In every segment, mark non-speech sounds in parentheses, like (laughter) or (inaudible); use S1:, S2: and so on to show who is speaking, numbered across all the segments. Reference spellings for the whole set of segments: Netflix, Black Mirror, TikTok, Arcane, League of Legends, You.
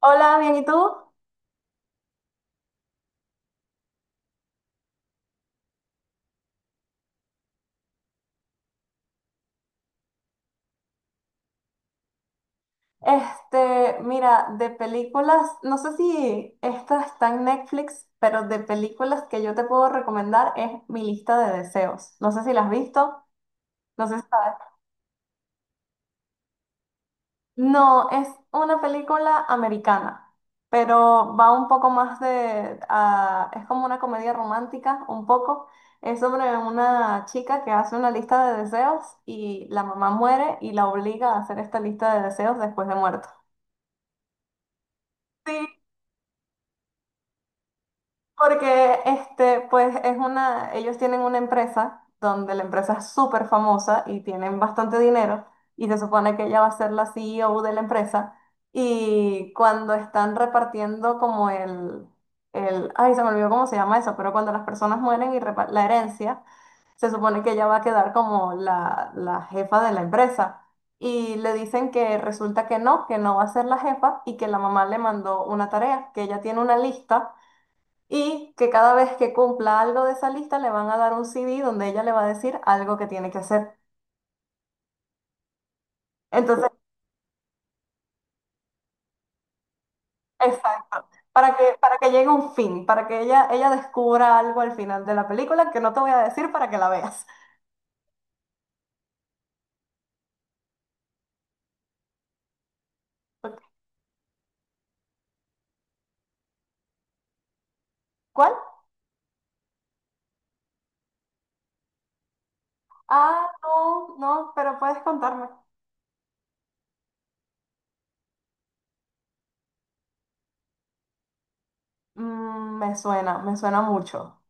S1: Hola, bien, ¿y tú? Mira, de películas, no sé si esta está en Netflix, pero de películas que yo te puedo recomendar es Mi lista de deseos. No sé si la has visto, no sé si sabes. No, es una película americana, pero va un poco más de, es como una comedia romántica, un poco. Es sobre una chica que hace una lista de deseos y la mamá muere y la obliga a hacer esta lista de deseos después de muerto. Sí. Porque pues es una, ellos tienen una empresa donde la empresa es súper famosa y tienen bastante dinero y se supone que ella va a ser la CEO de la empresa y cuando están repartiendo como ay, se me olvidó cómo se llama eso, pero cuando las personas mueren y repa- la herencia, se supone que ella va a quedar como la jefa de la empresa. Y le dicen que resulta que no va a ser la jefa y que la mamá le mandó una tarea, que ella tiene una lista y que cada vez que cumpla algo de esa lista le van a dar un CD donde ella le va a decir algo que tiene que hacer. Entonces, exacto, para que llegue a un fin, ella descubra algo al final de la película que no te voy a decir para que la veas. Ok, ¿cuál? Ah, no, no, pero puedes contarme. Mm, me suena mucho.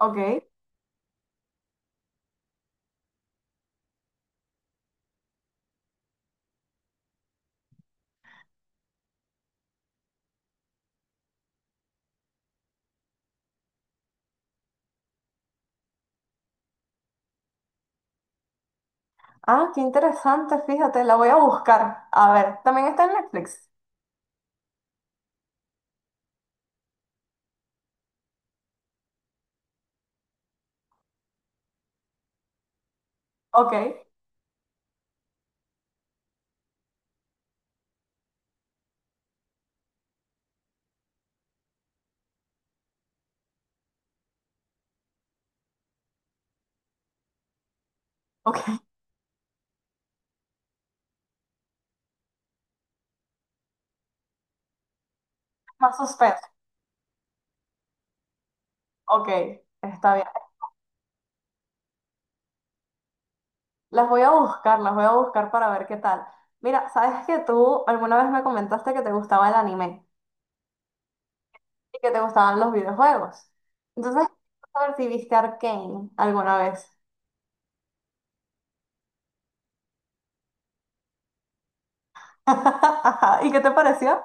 S1: Ok. Ah, qué interesante, fíjate, la voy a buscar. A ver, también está en Netflix. Ok, ok, (laughs) más suspenso. Ok, está bien. Las voy a buscar para ver qué tal. Mira, ¿sabes que tú alguna vez me comentaste que te gustaba el anime y que te gustaban los videojuegos? Entonces, a ver si viste Arcane alguna vez. (laughs) ¿Y qué te pareció?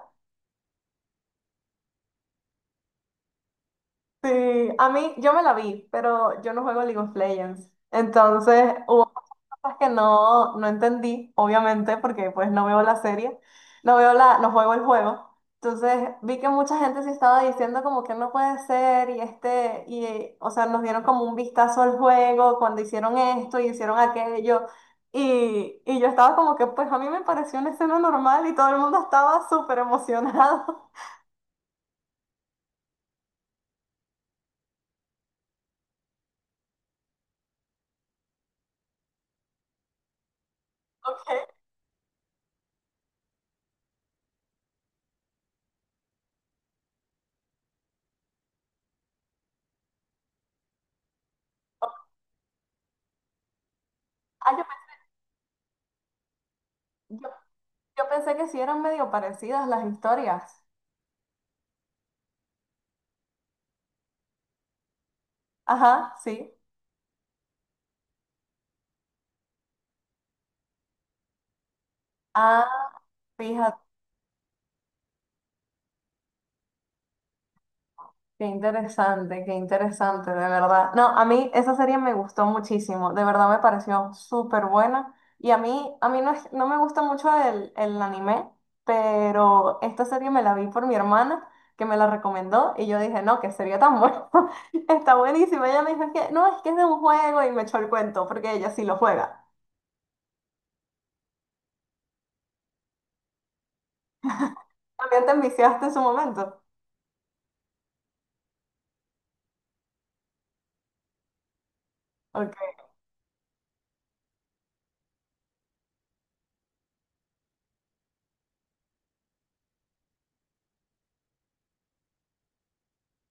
S1: Sí, yo me la vi, pero yo no juego League of Legends. Entonces, hubo muchas cosas que no entendí, obviamente, porque pues no veo la serie, no juego el juego. Entonces, vi que mucha gente se estaba diciendo como que no puede ser y o sea, nos dieron como un vistazo al juego cuando hicieron esto y hicieron aquello. Y yo estaba como que, pues a mí me pareció una escena normal y todo el mundo estaba súper emocionado. (laughs) Ok. Ah, yo, yo pensé que sí eran medio parecidas las historias. Ajá, sí. Ah, fíjate, qué interesante, de verdad. No, a mí esa serie me gustó muchísimo, de verdad me pareció súper buena. Y a mí no, es- no me gusta mucho el anime, pero esta serie me la vi por mi hermana, que me la recomendó, y yo dije, no, qué serie tan buena, (laughs) está buenísima. Ella me dijo, "Es que, no, es que es de un juego", y me echó el cuento, porque ella sí lo juega. También te enviciaste en su momento. Ok.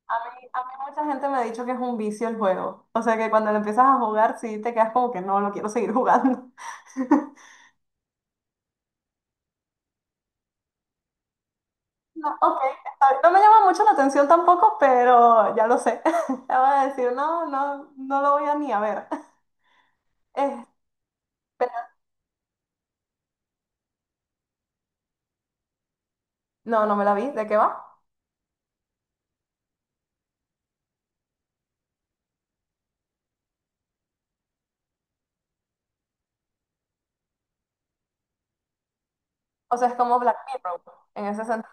S1: A mí mucha gente me ha dicho que es un vicio el juego. O sea que cuando lo empiezas a jugar, sí te quedas como que no, lo quiero seguir jugando. (laughs) No, ok, está bien. No me llama mucho la atención tampoco, pero ya lo sé. (laughs) Ya voy a decir, no, no, no lo voy a ni a ver. (laughs) Eh, pero- no, no me la vi. ¿De qué va? O sea, es como Black Mirror en ese sentido.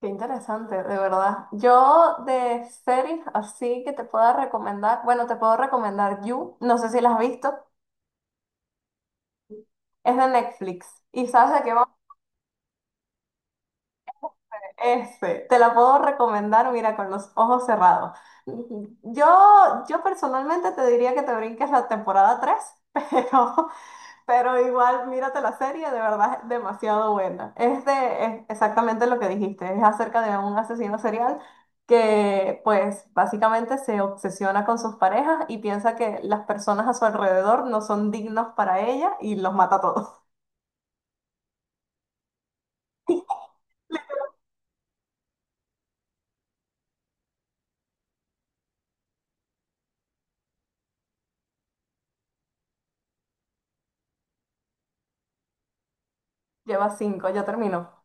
S1: Qué interesante, de verdad. Yo de series así que te pueda recomendar, bueno, te puedo recomendar You, no sé si la has visto, es de Netflix. ¿Y sabes de qué va? Ese, te la puedo recomendar, mira, con los ojos cerrados. Yo personalmente te diría que te brinques la temporada 3, pero, (laughs) pero igual mírate la serie, de verdad es demasiado buena. Es exactamente lo que dijiste, es acerca de un asesino serial que pues básicamente se obsesiona con sus parejas y piensa que las personas a su alrededor no son dignos para ella y los mata a todos. (laughs) Lleva cinco, ya terminó.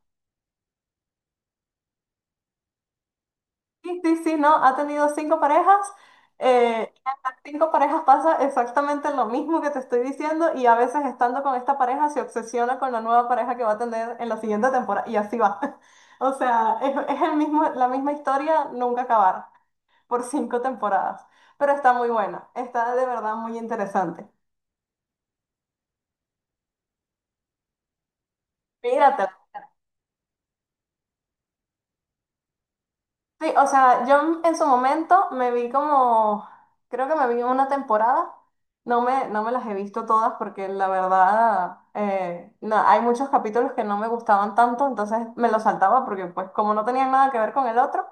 S1: Sí, sí, sí, no, ha tenido cinco parejas. Eh, y a las cinco parejas pasa exactamente lo mismo que te estoy diciendo y a veces estando con esta pareja se obsesiona con la nueva pareja que va a tener en la siguiente temporada y así va. (laughs) O sea, es el mismo, la misma historia, nunca acabar, por cinco temporadas. Pero está muy buena, está de verdad muy interesante. Míratela. Sí, o sea, yo en su momento me vi como, creo que me vi una temporada, no me las he visto todas porque la verdad, no, hay muchos capítulos que no me gustaban tanto, entonces me los saltaba porque pues como no tenían nada que ver con el otro,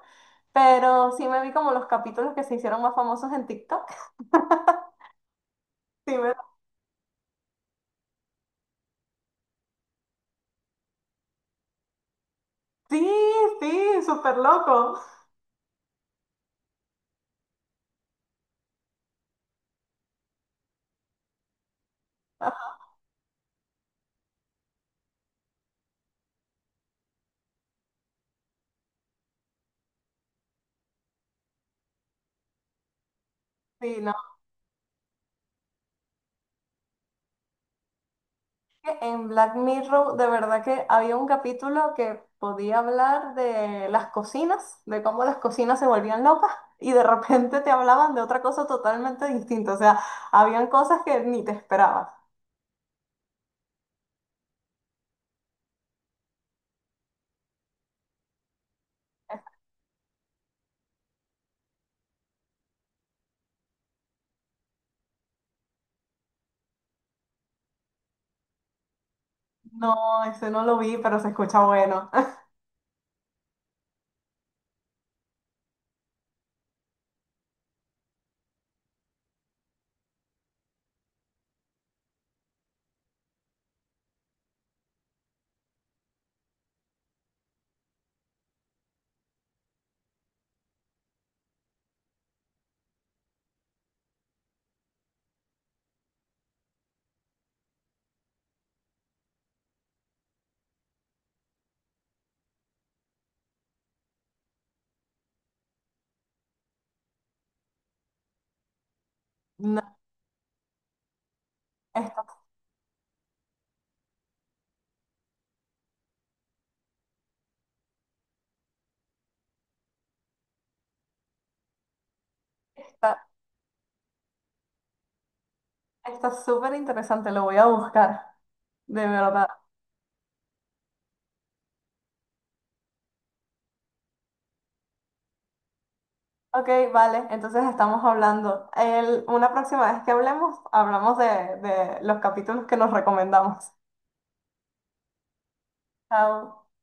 S1: pero sí me vi como los capítulos que se hicieron más famosos en TikTok. (laughs) Sí, me- sí, sí, súper loco. (laughs) Sí, no. que En Black Mirror, de verdad que había un capítulo que podía hablar de las cocinas, de cómo las cocinas se volvían locas y de repente te hablaban de otra cosa totalmente distinta. O sea, habían cosas que ni te esperabas. No, ese no lo vi, pero se escucha bueno. (laughs) No, está, está, está súper interesante, lo voy a buscar, de verdad. Ok, vale, entonces estamos hablando. Una próxima vez que hablemos, hablamos de los capítulos que nos recomendamos. Chao.